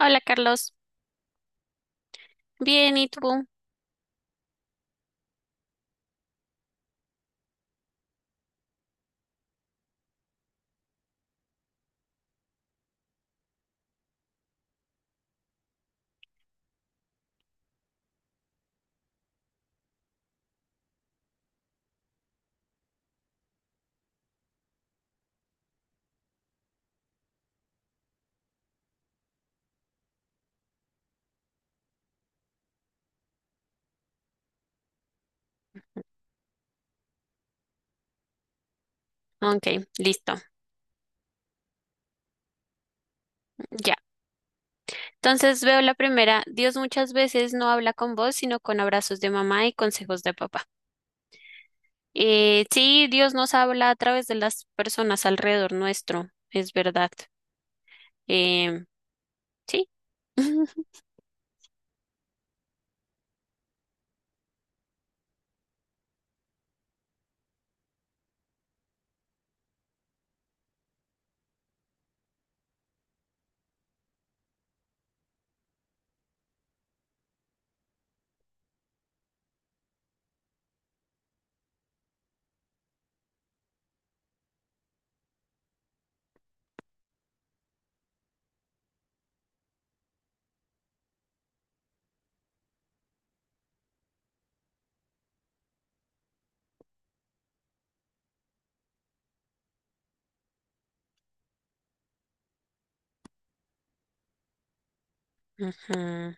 Hola Carlos, bien, ¿y tú? Ok, listo, ya. Entonces veo la primera. Dios muchas veces no habla con voz, sino con abrazos de mamá y consejos de papá. Sí, Dios nos habla a través de las personas alrededor nuestro, es verdad. Em, sí. Ujú.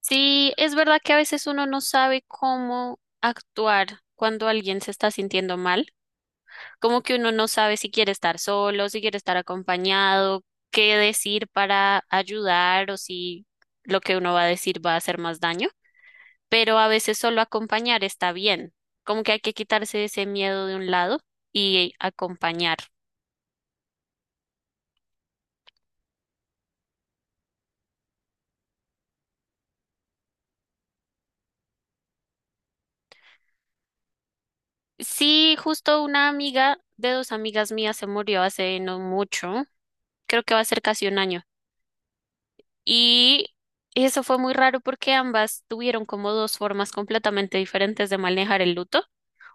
Sí, es verdad que a veces uno no sabe cómo actuar cuando alguien se está sintiendo mal. Como que uno no sabe si quiere estar solo, si quiere estar acompañado, qué decir para ayudar o si lo que uno va a decir va a hacer más daño. Pero a veces solo acompañar está bien. Como que hay que quitarse ese miedo de un lado y acompañar. Sí, justo una amiga de dos amigas mías se murió hace no mucho, creo que va a ser casi un año. Y eso fue muy raro porque ambas tuvieron como dos formas completamente diferentes de manejar el luto.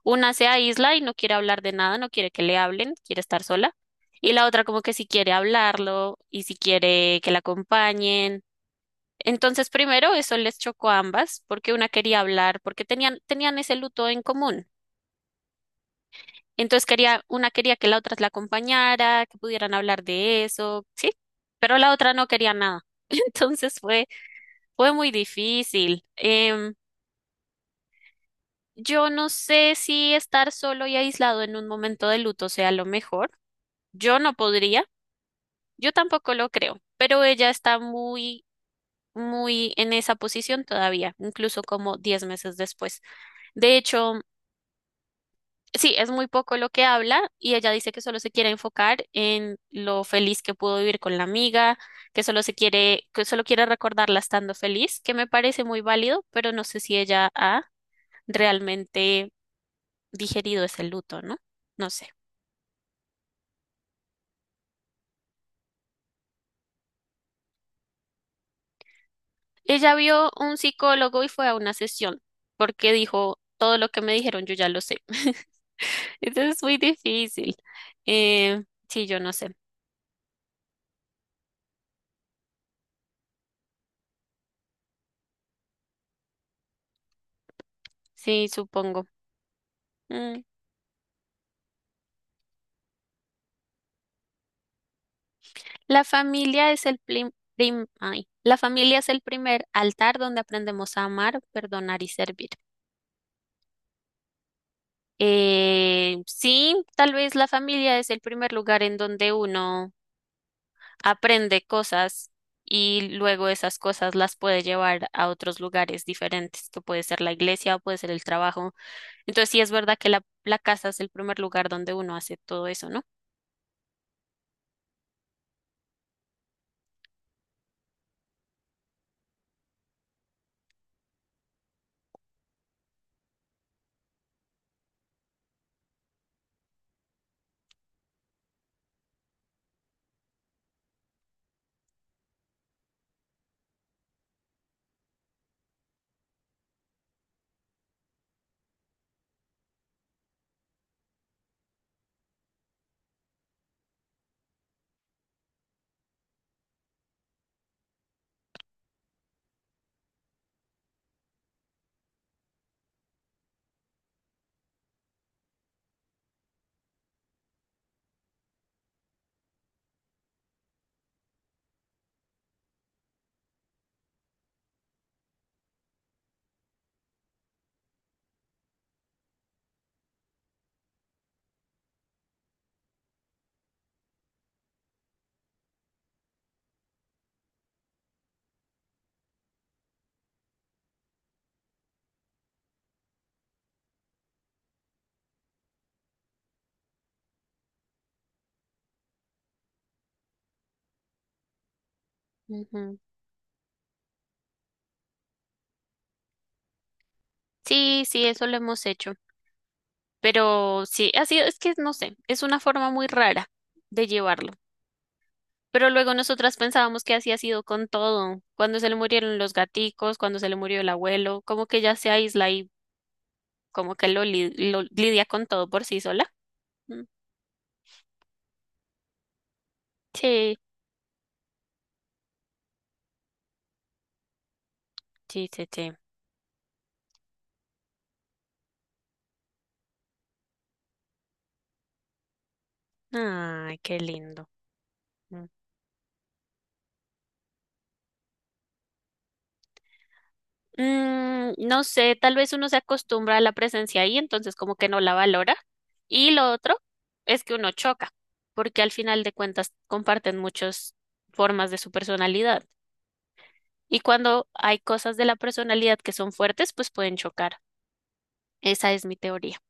Una se aísla y no quiere hablar de nada, no quiere que le hablen, quiere estar sola. Y la otra como que si quiere hablarlo y si quiere que la acompañen. Entonces, primero eso les chocó a ambas porque una quería hablar, porque tenían ese luto en común. Entonces quería, una quería que la otra la acompañara, que pudieran hablar de eso, sí, pero la otra no quería nada. Entonces fue muy difícil. Yo no sé si estar solo y aislado en un momento de luto sea lo mejor. Yo no podría, yo tampoco lo creo, pero ella está muy en esa posición todavía, incluso como 10 meses después. De hecho, sí, es muy poco lo que habla y ella dice que solo se quiere enfocar en lo feliz que pudo vivir con la amiga, que que solo quiere recordarla estando feliz, que me parece muy válido, pero no sé si ella ha realmente digerido ese luto, ¿no? No sé. Ella vio un psicólogo y fue a una sesión porque dijo, todo lo que me dijeron yo ya lo sé. Entonces es muy difícil. Eh, sí, yo no sé. Sí, supongo. Mm. La familia es el plim- prim- ay. La familia es el primer altar donde aprendemos a amar, perdonar y servir. Sí, tal vez la familia es el primer lugar en donde uno aprende cosas y luego esas cosas las puede llevar a otros lugares diferentes, que puede ser la iglesia o puede ser el trabajo. Entonces sí es verdad que la casa es el primer lugar donde uno hace todo eso, ¿no? Ujú. Sí, sí, eso lo hemos hecho, pero sí, ha sido, es que no sé, es una forma muy rara de llevarlo. Pero luego nosotras pensábamos que así ha sido con todo, cuando se le murieron los gaticos, cuando se le murió el abuelo, como que ya se aísla y como que lo lidia con todo por sí sola. Sí, sí, sí, sí. Ay, qué lindo. Mm. Mm, no sé, tal vez uno se acostumbra a la presencia ahí, entonces como que no la valora. Y lo otro es que uno choca, porque al final de cuentas comparten muchas formas de su personalidad. Y cuando hay cosas de la personalidad que son fuertes, pues pueden chocar. Esa es mi teoría.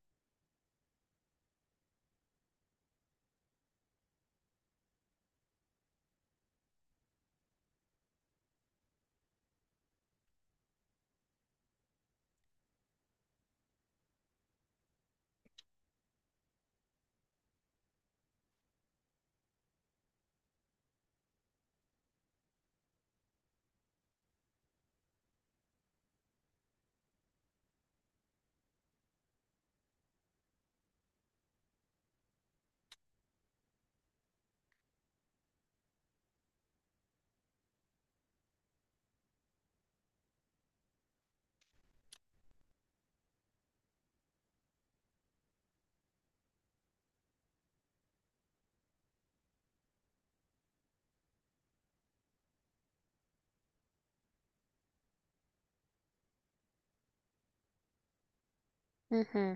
Ujú,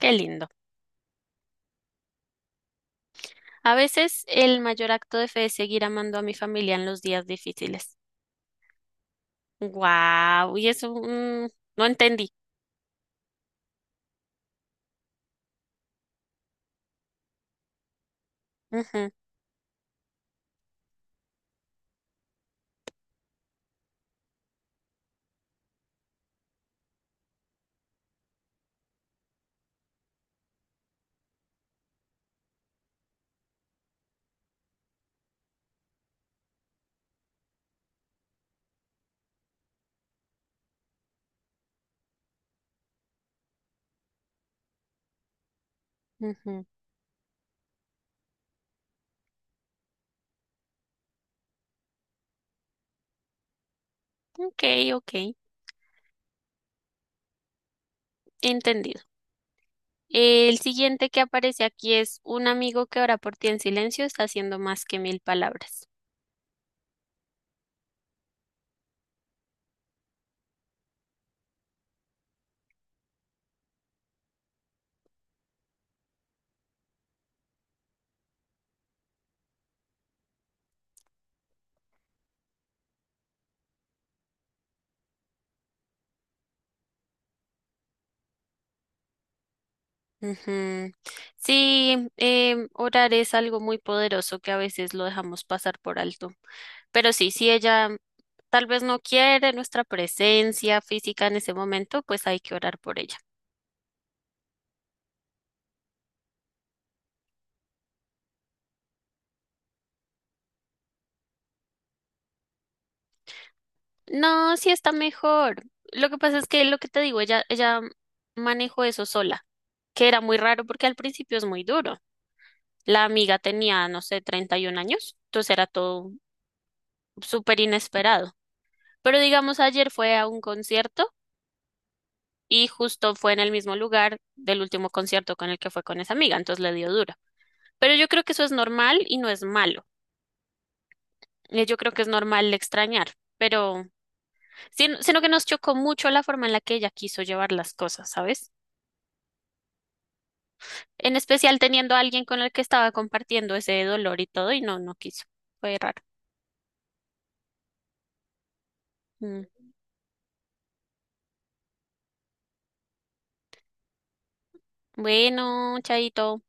qué lindo. A veces el mayor acto de fe es seguir amando a mi familia en los días difíciles. Guau, y eso mm, no entendí. Ujú, ujú. Ok, ok, entendido. El siguiente que aparece aquí es un amigo que ora por ti en silencio está haciendo más que mil palabras. Ujú. Sí, orar es algo muy poderoso que a veces lo dejamos pasar por alto. Pero sí, si ella tal vez no quiere nuestra presencia física en ese momento, pues hay que orar por ella. No, sí está mejor. Lo que pasa es que lo que te digo, ella manejó eso sola, que era muy raro porque al principio es muy duro. La amiga tenía, no sé, 31 años, entonces era todo súper inesperado. Pero digamos, ayer fue a un concierto y justo fue en el mismo lugar del último concierto con el que fue con esa amiga, entonces le dio duro. Pero yo creo que eso es normal y no es malo. Yo creo que es normal extrañar, pero sino que nos chocó mucho la forma en la que ella quiso llevar las cosas, ¿sabes? En especial teniendo a alguien con el que estaba compartiendo ese dolor y todo, y no, no quiso. Fue raro. Mm. Bueno, chaito.